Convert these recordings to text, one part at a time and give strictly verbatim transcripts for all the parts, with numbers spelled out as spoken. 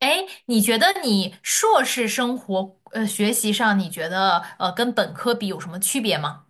哎，你觉得你硕士生活呃学习上，你觉得呃跟本科比有什么区别吗？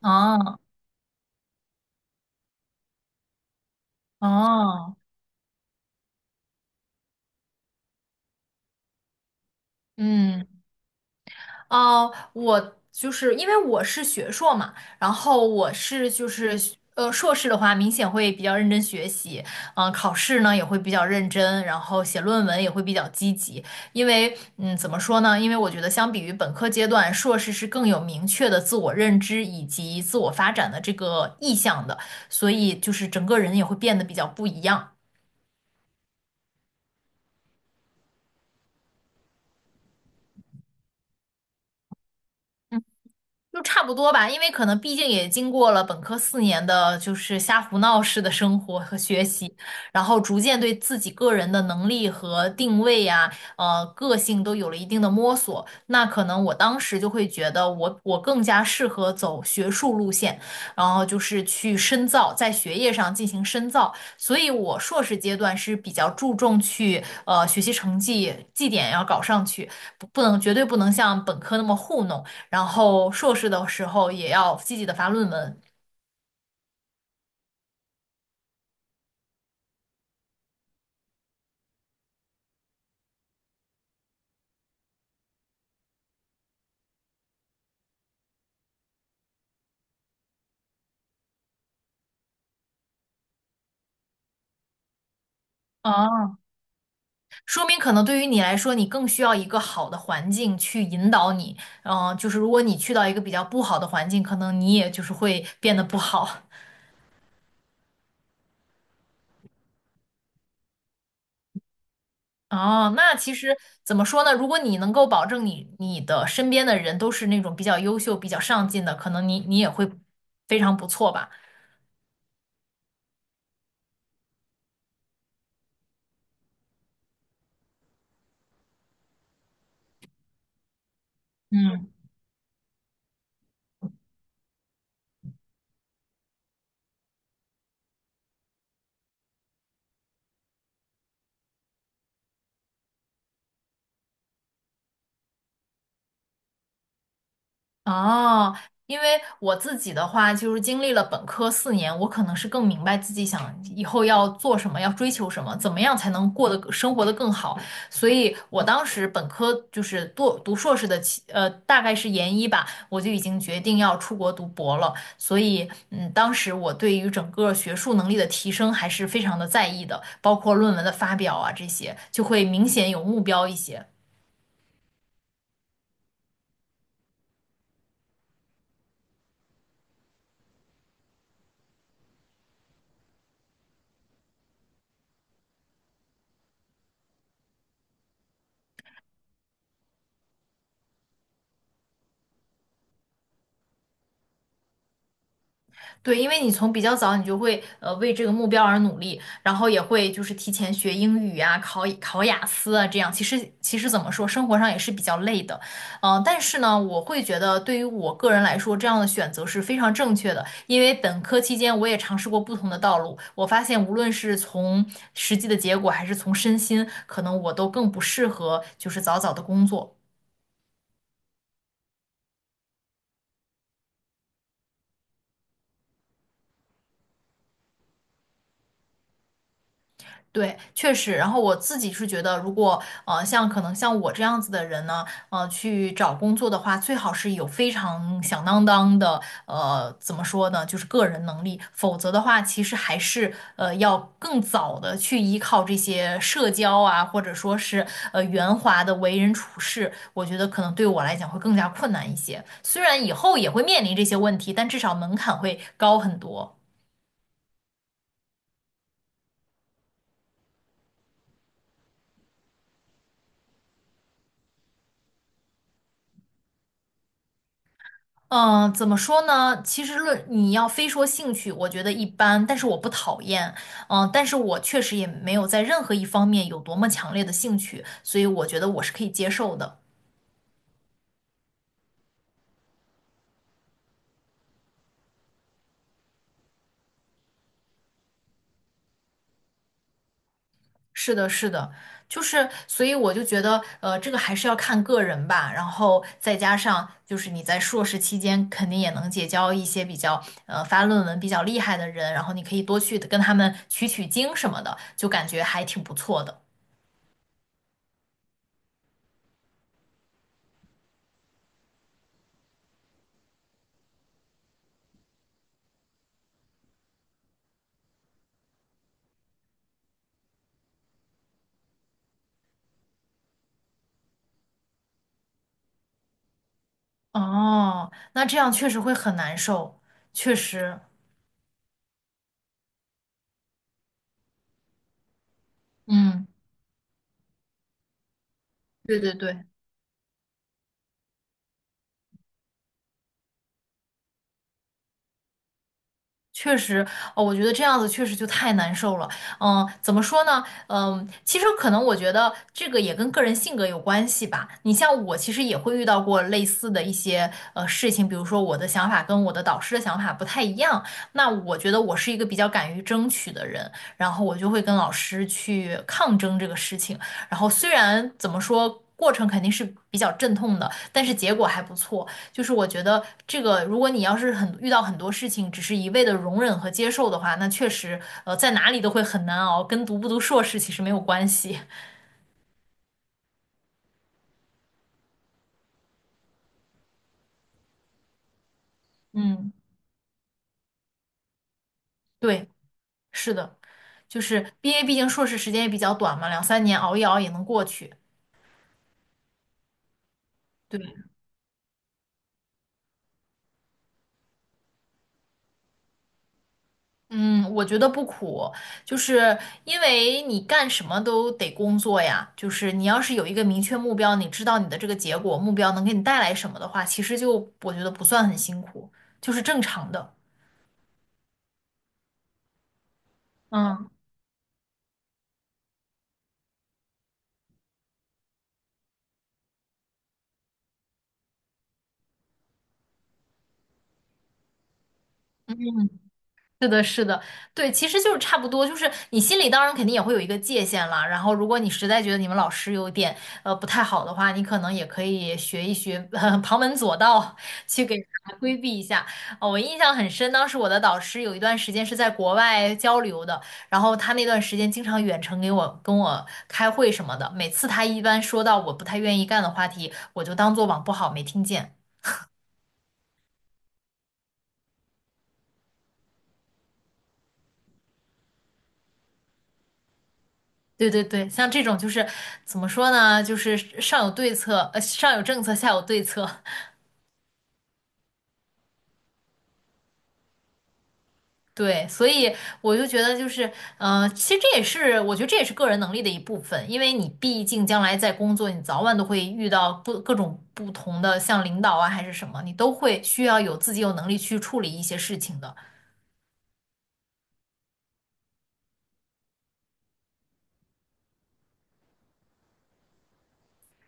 哦哦，嗯。呃，我就是因为我是学硕嘛，然后我是就是呃硕士的话，明显会比较认真学习，嗯、考试呢也会比较认真，然后写论文也会比较积极，因为嗯怎么说呢？因为我觉得相比于本科阶段，硕士是更有明确的自我认知以及自我发展的这个意向的，所以就是整个人也会变得比较不一样。就差不多吧，因为可能毕竟也经过了本科四年的，就是瞎胡闹式的生活和学习，然后逐渐对自己个人的能力和定位呀、呃，个性都有了一定的摸索。那可能我当时就会觉得我，我更加适合走学术路线，然后就是去深造，在学业上进行深造。所以我硕士阶段是比较注重去呃学习成绩绩点要搞上去，不不能绝对不能像本科那么糊弄。然后硕士的时候也要积极的发论文。哦，说明可能对于你来说，你更需要一个好的环境去引导你。嗯、就是如果你去到一个比较不好的环境，可能你也就是会变得不好。哦，那其实怎么说呢？如果你能够保证你你的身边的人都是那种比较优秀、比较上进的，可能你你也会非常不错吧。嗯。哦，因为我自己的话，就是经历了本科四年，我可能是更明白自己想以后要做什么，要追求什么，怎么样才能过得生活得更好。所以我当时本科就是读读硕士的期，呃，大概是研一吧，我就已经决定要出国读博了。所以，嗯，当时我对于整个学术能力的提升还是非常的在意的，包括论文的发表啊这些，就会明显有目标一些。对，因为你从比较早，你就会呃为这个目标而努力，然后也会就是提前学英语啊，考考雅思啊，这样其实其实怎么说，生活上也是比较累的，嗯、但是呢，我会觉得对于我个人来说，这样的选择是非常正确的，因为本科期间我也尝试过不同的道路，我发现无论是从实际的结果，还是从身心，可能我都更不适合就是早早的工作。对，确实。然后我自己是觉得，如果呃像可能像我这样子的人呢，呃，去找工作的话，最好是有非常响当当的呃怎么说呢，就是个人能力，否则的话，其实还是呃要更早的去依靠这些社交啊，或者说是呃圆滑的为人处事，我觉得可能对我来讲会更加困难一些。虽然以后也会面临这些问题，但至少门槛会高很多。嗯，呃怎么说呢？其实论你要非说兴趣，我觉得一般，但是我不讨厌，嗯，但是我确实也没有在任何一方面有多么强烈的兴趣，所以我觉得我是可以接受的。是的，是的，就是，所以我就觉得，呃，这个还是要看个人吧，然后再加上就是你在硕士期间肯定也能结交一些比较，呃，发论文比较厉害的人，然后你可以多去跟他们取取经什么的，就感觉还挺不错的。哦，那这样确实会很难受，确实，嗯，对对对，确实，哦，我觉得这样子确实就太难受了。嗯，怎么说呢？嗯，其实可能我觉得这个也跟个人性格有关系吧。你像我，其实也会遇到过类似的一些呃事情，比如说我的想法跟我的导师的想法不太一样。那我觉得我是一个比较敢于争取的人，然后我就会跟老师去抗争这个事情。然后虽然怎么说，过程肯定是比较阵痛的，但是结果还不错。就是我觉得这个，如果你要是很遇到很多事情，只是一味的容忍和接受的话，那确实，呃，在哪里都会很难熬，跟读不读硕士其实没有关系。嗯，对，是的，就是毕业，毕竟硕士时间也比较短嘛，两三年熬一熬也能过去。对，嗯，我觉得不苦，就是因为你干什么都得工作呀。就是你要是有一个明确目标，你知道你的这个结果，目标能给你带来什么的话，其实就我觉得不算很辛苦，就是正常的。嗯。是的，是的，对，其实就是差不多，就是你心里当然肯定也会有一个界限了。然后，如果你实在觉得你们老师有点呃不太好的话，你可能也可以学一学、旁门左道去给他规避一下。哦，我印象很深，当时我的导师有一段时间是在国外交流的，然后他那段时间经常远程给我跟我开会什么的。每次他一般说到我不太愿意干的话题，我就当做网不好没听见。对对对，像这种就是怎么说呢？就是上有对策，呃，上有政策，下有对策。对，所以我就觉得就是，呃，其实这也是我觉得这也是个人能力的一部分，因为你毕竟将来在工作，你早晚都会遇到不各种不同的，像领导啊还是什么，你都会需要有自己有能力去处理一些事情的。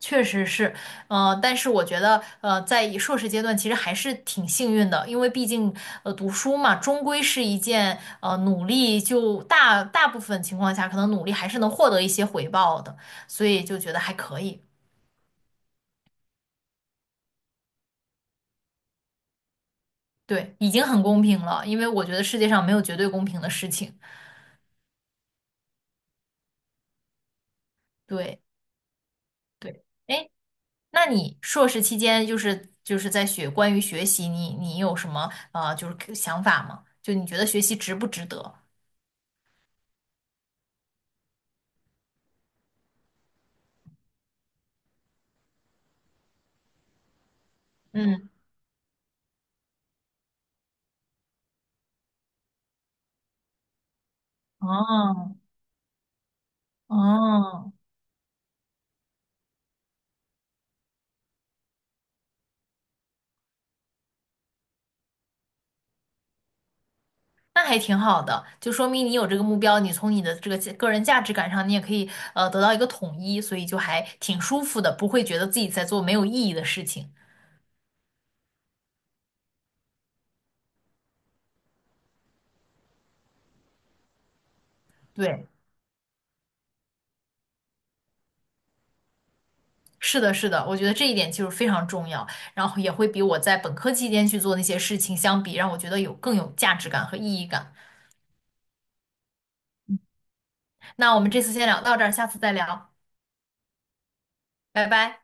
确实是，呃，但是我觉得，呃，在以硕士阶段其实还是挺幸运的，因为毕竟，呃，读书嘛，终归是一件，呃，努力就大大部分情况下，可能努力还是能获得一些回报的，所以就觉得还可以，对，已经很公平了，因为我觉得世界上没有绝对公平的事情，对对，哎，那你硕士期间就是就是在学关于学习你，你有什么呃就是想法吗？就你觉得学习值不值得？嗯，哦。哦，那还挺好的，就说明你有这个目标，你从你的这个价个人价值感上，你也可以呃得到一个统一，所以就还挺舒服的，不会觉得自己在做没有意义的事情。对，是的，是的，我觉得这一点就是非常重要，然后也会比我在本科期间去做那些事情相比，让我觉得有更有价值感和意义感。那我们这次先聊到这儿，下次再聊，拜拜。